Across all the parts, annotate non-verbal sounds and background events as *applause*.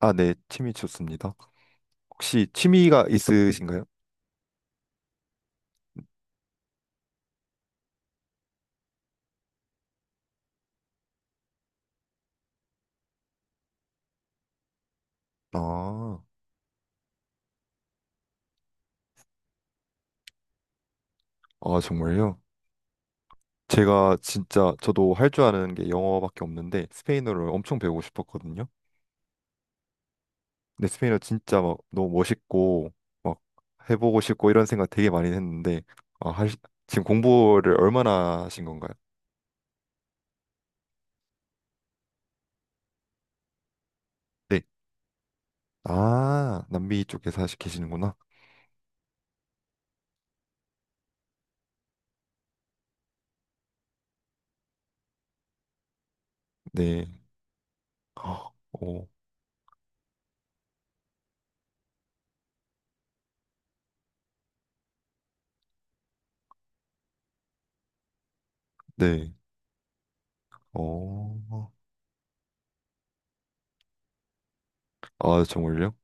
아, 네, 취미 좋습니다. 혹시 취미가 있으신가요? 아, 아, 정말요? 제가 진짜 저도 할 줄 아는 게 영어밖에 없는데 스페인어를 엄청 배우고 싶었거든요. 근데 스페인어 진짜 막 너무 멋있고 막 해보고 싶고 이런 생각 되게 많이 했는데 아, 하 지금 공부를 얼마나 하신 건가요? 네. 아, 남미 쪽에 서 계시는구나. 네. 헉, 어, 네. 어. 아, 정말요?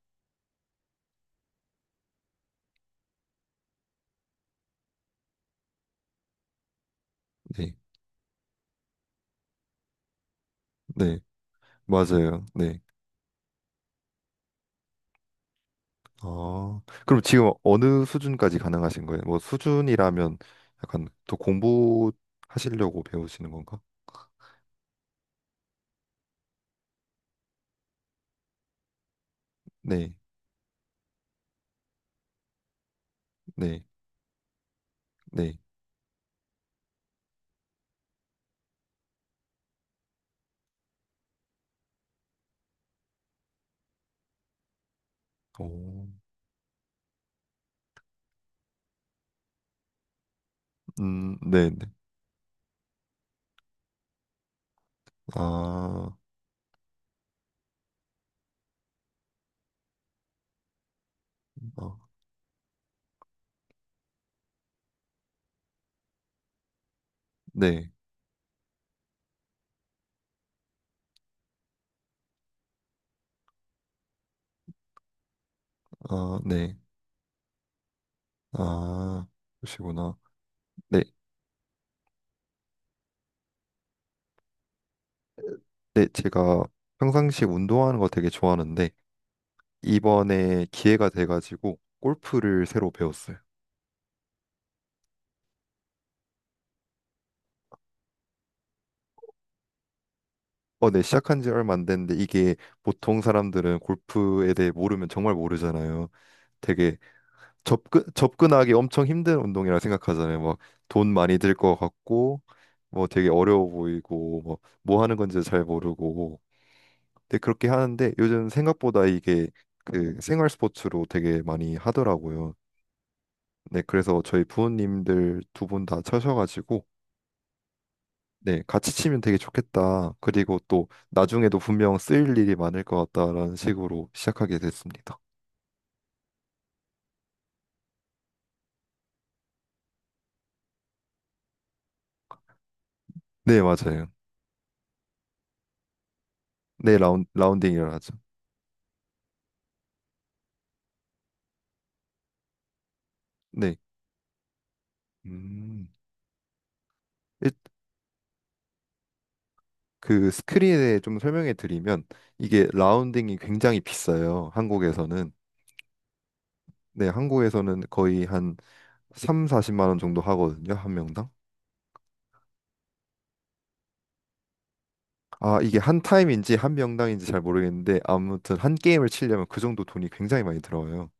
네. 네. 맞아요. 네. 아, 그럼 지금 어느 수준까지 가능하신 거예요? 뭐 수준이라면 약간 더 공부하시려고 배우시는 건가? 네, 네, 네. 오, 네, 네. 아, 아, 네, 아, 네, 아, 그러시구나. 네, 네, 제가 평상시 운동하는 거 되게 좋아하는데 이번에 기회가 돼가지고 골프를 새로 배웠어요. 어, 네, 시작한 지 얼마 안 됐는데 이게 보통 사람들은 골프에 대해 모르면 정말 모르잖아요. 되게 접근하기 엄청 힘든 운동이라 생각하잖아요. 막 돈 많이 들 것 같고 뭐 되게 어려워 보이고 뭐, 뭐 하는 건지 잘 모르고 근데 그렇게 하는데 요즘 생각보다 이게 그 생활 스포츠로 되게 많이 하더라고요. 네, 그래서 저희 부모님들 두 분 다 쳐셔가지고 네, 같이 치면 되게 좋겠다. 그리고 또 나중에도 분명 쓰일 일이 많을 것 같다라는 식으로 시작하게 됐습니다. 네, 맞아요. 네, 라운딩이라 하죠. 네. 음. 일- 그 스크린에 좀 설명해 드리면 이게 라운딩이 굉장히 비싸요. 한국에서는. 네, 한국에서는 거의 한 3, 40만 원 정도 하거든요. 한 명당. 아, 이게 한 타임인지 한 명당인지 잘 모르겠는데 아무튼 한 게임을 치려면 그 정도 돈이 굉장히 많이 들어요.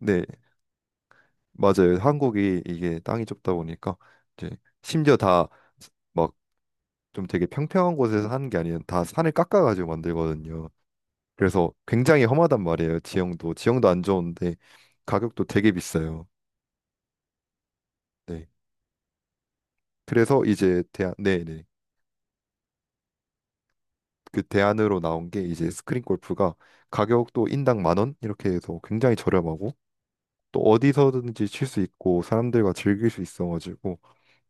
네, 맞아요. 한국이 이게 땅이 좁다 보니까 이제 심지어 다 막 좀 되게 평평한 곳에서 하는 게 아니라 다 산을 깎아가지고 만들거든요. 그래서 굉장히 험하단 말이에요. 지형도 안 좋은데 가격도 되게 비싸요. 네. 그래서 이제 대안 네네, 그 대안으로 나온 게 이제 스크린 골프가 가격도 인당 만 원 이렇게 해서 굉장히 저렴하고 또 어디서든지 칠 수 있고 사람들과 즐길 수 있어가지고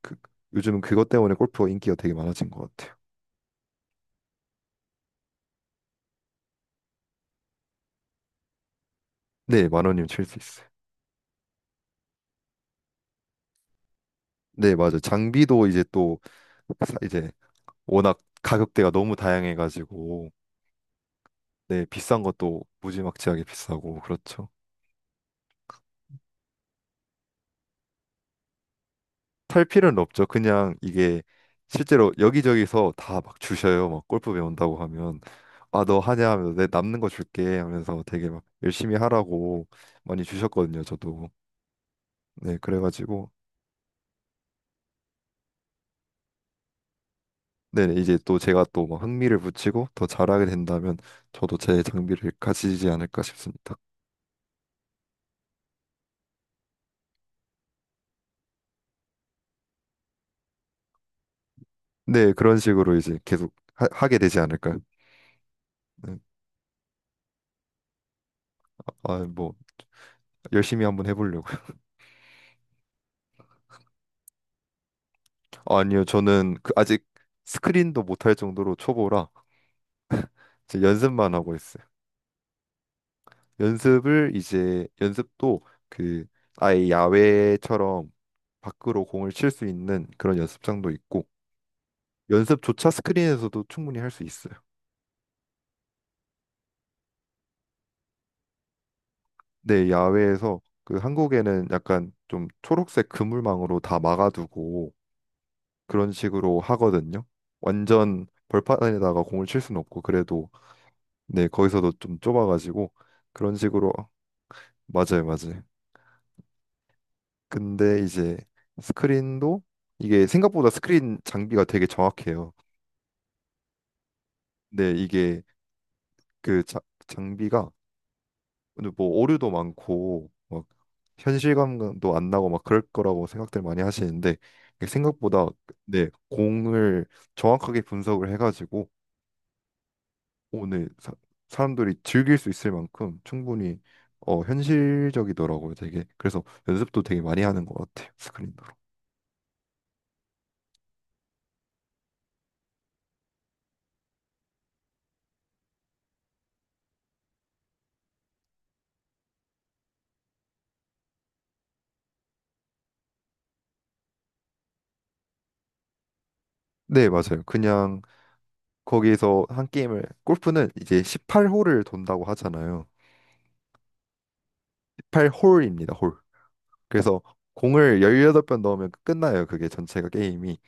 그, 요즘은 그것 때문에 골프가 인기가 되게 많아진 것 같아요. 네, 만 원이면 칠 수 있어요. 네, 맞아요. 장비도 이제 또 이제 워낙 가격대가 너무 다양해가지고 네, 비싼 것도 무지막지하게 비싸고 그렇죠. 살 필요는 없죠. 그냥 이게 실제로 여기저기서 다 막 주셔요. 막 골프 배운다고 하면 아, 너 하냐 하면서 내 남는 거 줄게 하면서 되게 막 열심히 하라고 많이 주셨거든요, 저도. 네, 그래가지고 네, 네, 이제 또 제가 또 막 흥미를 붙이고 더 잘하게 된다면 저도 제 장비를 가지지 않을까 싶습니다. 네, 그런 식으로 이제 계속 게 되지 않을까요? 네. 아, 뭐 열심히 한번 해보려고요. *laughs* 아, 니요 저는 아직 스크린도 못할 정도로 초보라 이제 연습만 하고 있어요. 연습을 이제 연습도 그 아예 야외처럼 밖으로 공을 칠 수 있는 그런 연습장도 있고 연습조차 스크린에서도 충분히 할 수 있어요. 네, 야외에서 한국에는 약간 좀 초록색 그물망으로 다 막아두고 그런 식으로 하거든요. 완전 벌판에다가 공을 칠 수는 없고 그래도 네, 거기서도 좀 좁아가지고 그런 식으로 맞아요, 맞아요. 근데 이제 스크린도 이게 생각보다 스크린 장비가 되게 정확해요. 근데 이게 그 자- 장비가 근데 뭐 오류도 많고 막 현실감도 안 나고 막 그럴 거라고 생각들 많이 하시는데 이게 생각보다 네, 공을 정확하게 분석을 해가지고 오늘 사, 사람들이 즐길 수 있을 만큼 충분히 현실적이더라고요, 되게. 그래서 연습도 되게 많이 하는 것 같아요, 스크린으로. 네, 맞아요. 그냥 거기에서 한 게임을 골프는 이제 18홀을 돈다고 하잖아요. 18홀입니다, 홀. 그래서 공을 18번 넣으면 끝나요, 그게 전체가 게임이.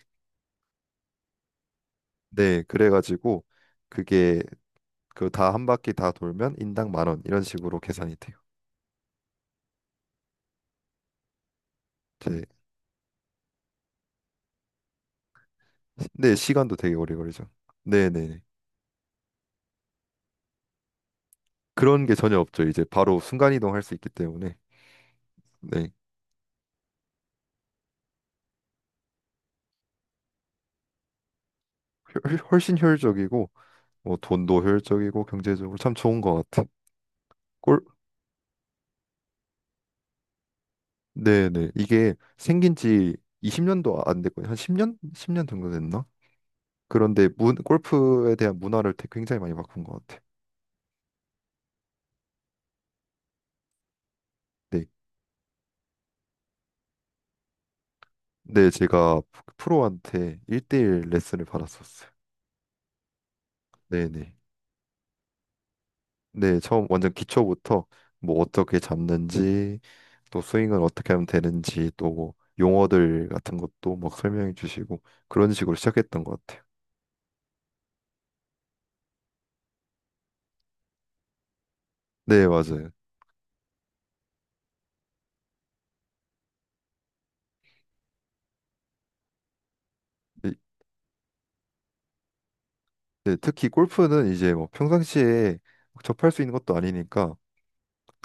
네, 그래가지고 그게 다 한 바퀴 다 돌면 인당 만원 이런 식으로 계산이 돼요. 네, 네, 시간도 되게 오래 걸리죠. 네네. 그런 게 전혀 없죠. 이제 바로 순간이동할 수 있기 때문에 네, 훨씬 효율적이고 뭐 돈도 효율적이고 경제적으로 참 좋은 것 같아. 꼴 네네, 이게 생긴 지 20년도 안 됐거든요. 한 10년 정도 됐나? 그런데 골프에 대한 문화를 굉장히 많이 바꾼 것 같아. 네, 네, 제가 프로한테 1대1 레슨을 받았었어요. 네네. 네, 처음 완전 기초부터 뭐 어떻게 잡는지 또 스윙을 어떻게 하면 되는지 또뭐 용어들 같은 것도 막 설명해 주시고 그런 식으로 시작했던 것 같아요. 네, 맞아요. 이- 네, 특히 골프는 이제 뭐 평상시에 접할 수 있는 것도 아니니까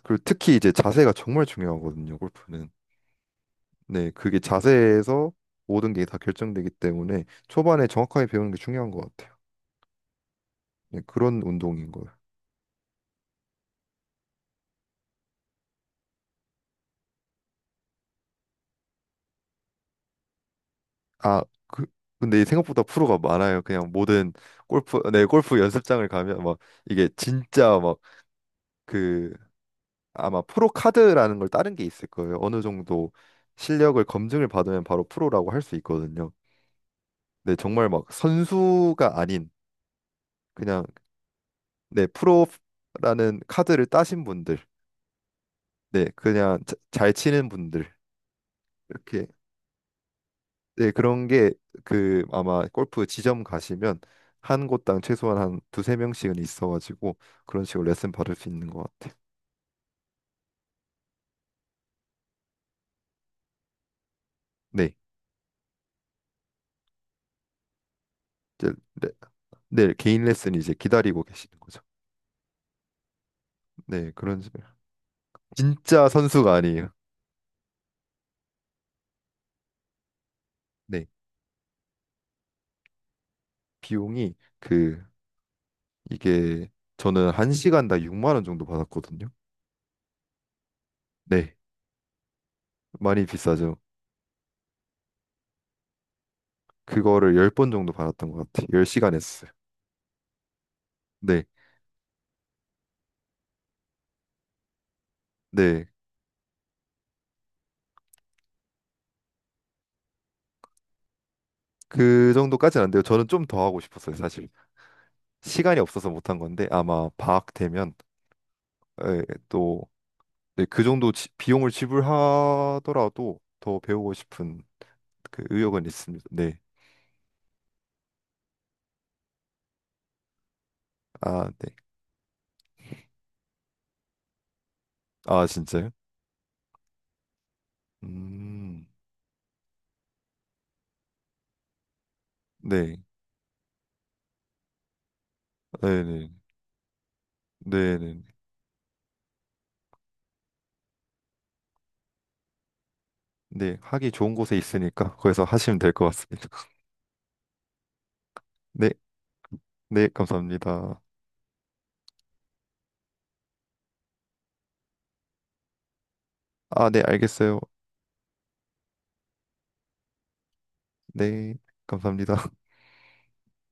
그리고 특히 이제 자세가 정말 중요하거든요, 골프는. 네, 그게 자세에서 모든 게 다 결정되기 때문에 초반에 정확하게 배우는 게 중요한 것 같아요. 네, 그런 운동인 거예요. 아, 그, 근데 생각보다 프로가 많아요. 그냥 모든 골프, 네, 골프 연습장을 가면 막 이게 진짜 막 그 아마 프로 카드라는 걸 따는 게 있을 거예요. 어느 정도 실력을 검증을 받으면 바로 프로라고 할 수 있거든요. 네, 정말 막 선수가 아닌 그냥 네, 프로라는 카드를 따신 분들, 네, 그냥 잘 치는 분들 이렇게. 네, 그런 게 아마 골프 지점 가시면 한 곳당 최소한 한 두세 명씩은 있어가지고 그런 식으로 레슨 받을 수 있는 것 같아요. 네, 이제 레- 네, 개인 레슨이 이제 기다리고 계시는 거죠. 네, 그런 식으로. 진짜 선수가 아니에요. 네, 비용이 이게 저는 한 시간당 6만 원 정도 받았거든요. 네, 많이 비싸죠. 그거를 10번 정도 받았던 것 같아요. 10시간 했어요. 네, 네, 그 정도까지는 안 돼요. 저는 좀 더 하고 싶었어요, 사실. 시간이 없어서 못한 건데 아마 방학 되면 또 그 정도 비용을 지불하더라도 더 배우고 싶은 그 의욕은 있습니다. 네. 아, 네. 아, 진짜요? 음. 네. 네, 네. 네, 네. 네. 하기 좋은 곳에 있으니까 *laughs* 거기서 하시면 될 것 같습니다. *laughs* 네. 네, 감사합니다. 아, 네, 알겠어요. 네. 감사합니다.